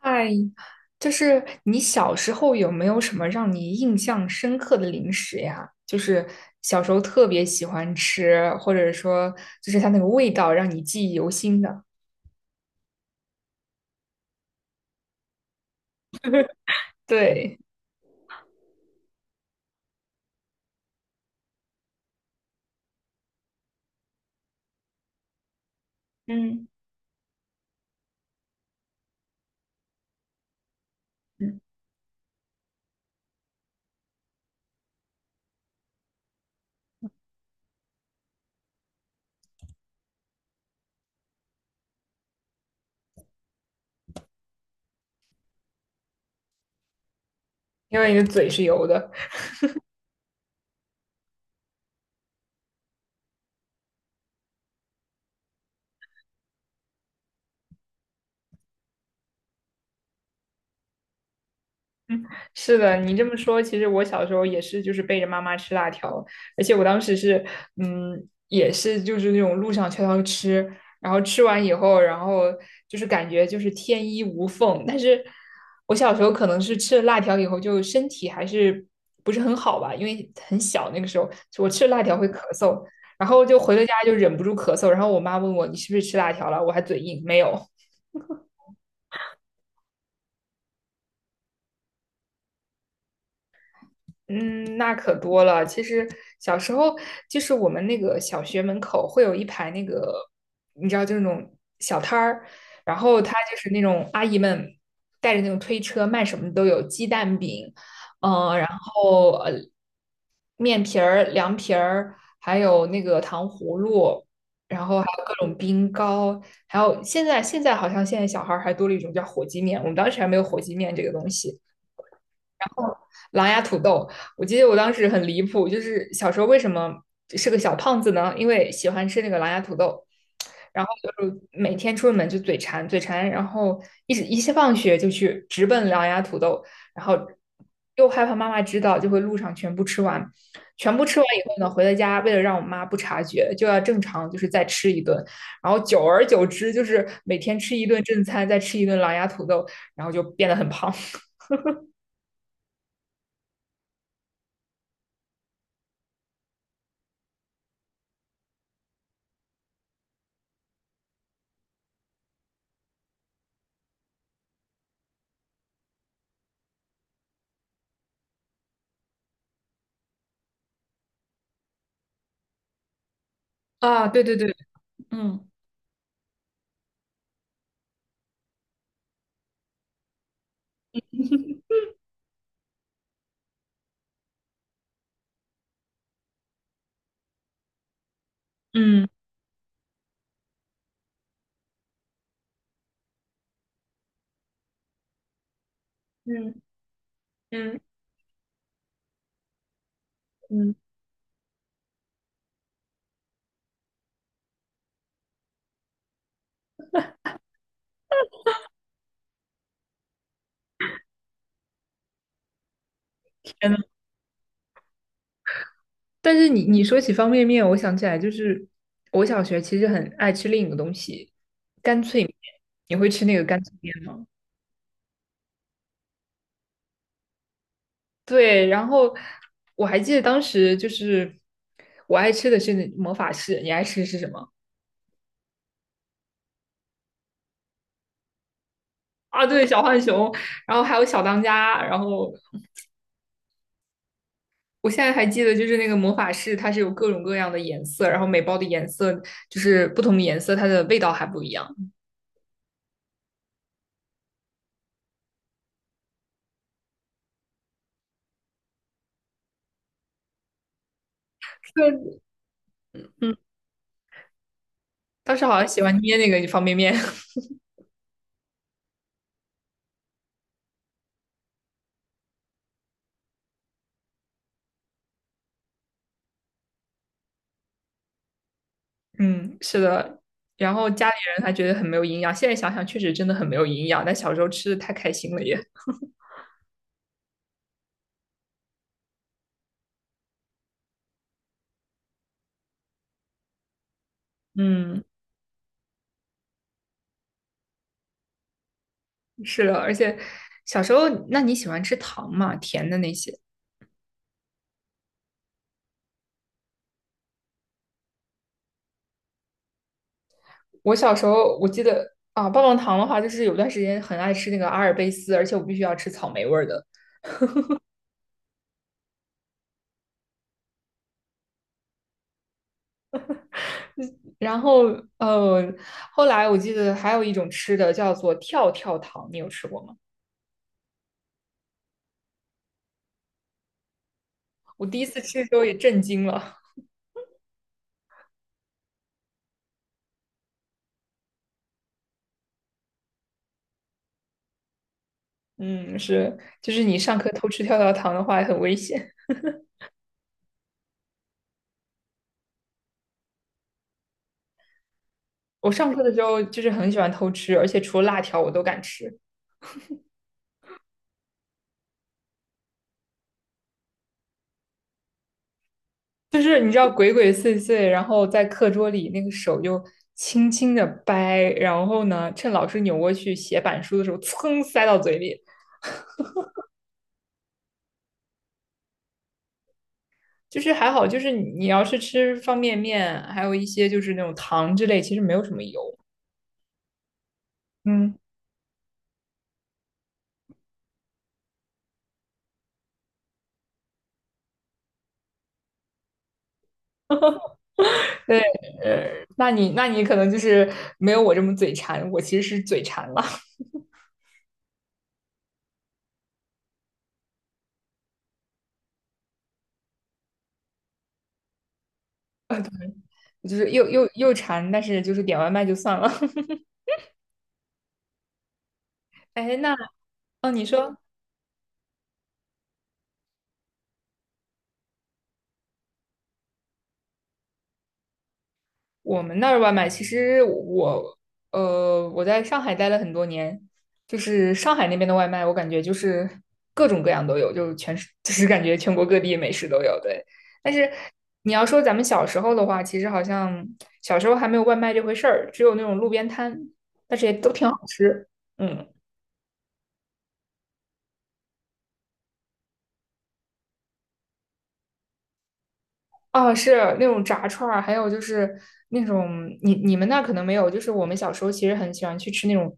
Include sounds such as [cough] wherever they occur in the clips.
嗨，就是你小时候有没有什么让你印象深刻的零食呀？就是小时候特别喜欢吃，或者说就是它那个味道让你记忆犹新的。对。嗯。嗯。因为你的嘴是油的。是的，你这么说，其实我小时候也是，就是背着妈妈吃辣条，而且我当时是，嗯，也是就是那种路上悄悄吃，然后吃完以后，然后就是感觉就是天衣无缝。但是我小时候可能是吃了辣条以后，就身体还是不是很好吧，因为很小那个时候，我吃了辣条会咳嗽，然后就回了家就忍不住咳嗽，然后我妈问我你是不是吃辣条了，我还嘴硬，没有。嗯，那可多了。其实小时候就是我们那个小学门口会有一排那个，你知道，就是那种小摊儿，然后他就是那种阿姨们带着那种推车卖什么都有，鸡蛋饼，嗯、然后面皮儿、凉皮儿，还有那个糖葫芦，然后还有各种冰糕，还有现在好像现在小孩儿还多了一种叫火鸡面，我们当时还没有火鸡面这个东西。狼牙土豆。我记得我当时很离谱，就是小时候为什么是个小胖子呢？因为喜欢吃那个狼牙土豆，然后就是每天出门就嘴馋，嘴馋，然后一直一下放学就去直奔狼牙土豆，然后又害怕妈妈知道，就会路上全部吃完。全部吃完以后呢，回到家为了让我妈不察觉，就要正常就是再吃一顿，然后久而久之就是每天吃一顿正餐，再吃一顿狼牙土豆，然后就变得很胖。啊，对对对。嗯。嗯。嗯嗯嗯。天呐。但是你说起方便面，我想起来就是我小学其实很爱吃另一个东西，干脆面。你会吃那个干脆面吗？对，然后我还记得当时就是我爱吃的是那魔法士，你爱吃的是什么？啊，对，小浣熊，然后还有小当家，然后我现在还记得就是那个魔法士，它是有各种各样的颜色，然后每包的颜色就是不同的颜色，它的味道还不一样。对，当时好像喜欢捏那个方便面。[laughs] 嗯，是的。然后家里人还觉得很没有营养，现在想想确实真的很没有营养，但小时候吃的太开心了也。嗯。[laughs] 是的，而且小时候，那你喜欢吃糖吗？甜的那些？我小时候我记得啊，棒棒糖的话，就是有段时间很爱吃那个阿尔卑斯，而且我必须要吃草莓味儿的。然后呃，后来我记得还有一种吃的叫做跳跳糖，你有吃过吗？我第一次吃的时候也震惊了。嗯，是，就是你上课偷吃跳跳糖的话很危险。我上课的时候就是很喜欢偷吃，而且除了辣条我都敢吃。就是你知道鬼鬼祟祟，然后在课桌里那个手就轻轻的掰，然后呢，趁老师扭过去写板书的时候，噌塞到嘴里。就是还好，就是你要是吃方便面，还有一些就是那种糖之类，其实没有什么油。嗯，对。那你可能就是没有我这么嘴馋，我其实是嘴馋了。[laughs] 就是又馋，但是就是点外卖就算了。[laughs] 哎，那哦，你说我们那儿外卖，其实我我在上海待了很多年，就是上海那边的外卖，我感觉就是各种各样都有，就是全是 [laughs] 就是感觉全国各地美食都有，对。但是你要说咱们小时候的话，其实好像小时候还没有外卖这回事儿，只有那种路边摊，但是也都挺好吃。嗯。哦，是那种炸串儿，还有就是那种你们那可能没有，就是我们小时候其实很喜欢去吃那种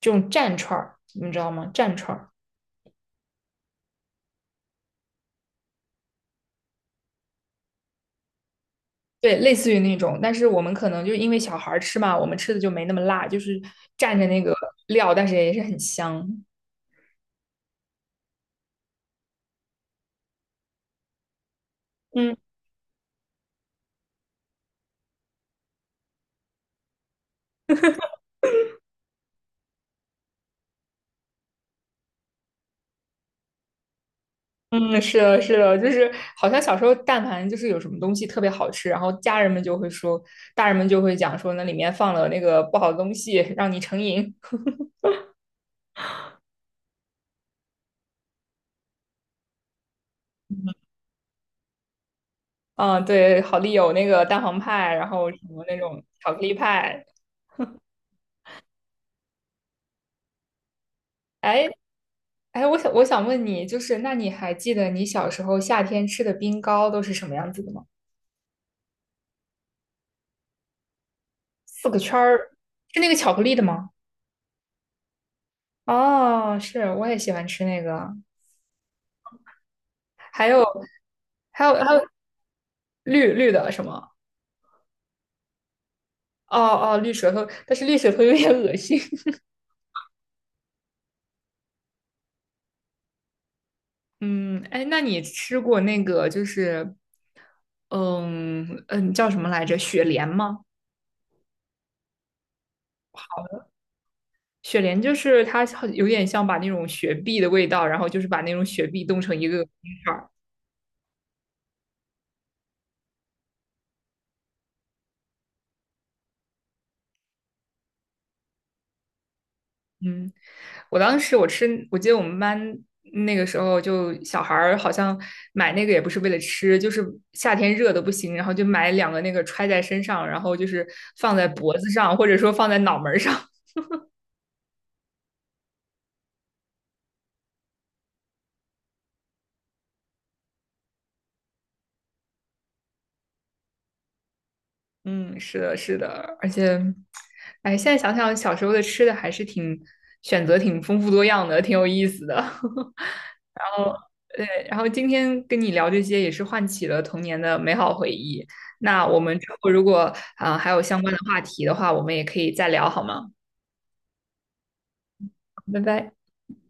这种蘸串儿，你们知道吗？蘸串儿，对，类似于那种，但是我们可能就因为小孩儿吃嘛，我们吃的就没那么辣，就是蘸着那个料，但是也是很香。嗯嗯，是的，是的，就是好像小时候但凡就是有什么东西特别好吃，然后家人们就会说，大人们就会讲说那里面放了那个不好的东西，让你成瘾。嗯，对，好丽友那个蛋黄派，然后什么那种巧克力派。哎哎，我想问你，就是那你还记得你小时候夏天吃的冰糕都是什么样子的吗？四个圈儿，是那个巧克力的吗？哦，是，我也喜欢吃那个。还有还有绿绿的什么？哦哦，绿舌头，但是绿舌头有点恶心。[laughs] 嗯，哎，那你吃过那个就是，嗯嗯，叫什么来着？雪莲吗？雪莲就是它好有点像把那种雪碧的味道，然后就是把那种雪碧冻成一个个冰块儿。嗯，我当时我吃，我记得我们班那个时候就小孩儿好像买那个也不是为了吃，就是夏天热的不行，然后就买两个那个揣在身上，然后就是放在脖子上，或者说放在脑门儿上。嗯，是的，是的，而且，哎，现在想想小时候的吃的还是挺选择挺丰富多样的，挺有意思的。[laughs] 然后，对，然后今天跟你聊这些也是唤起了童年的美好回忆。那我们之后如果啊，还有相关的话题的话，我们也可以再聊，好吗？拜拜。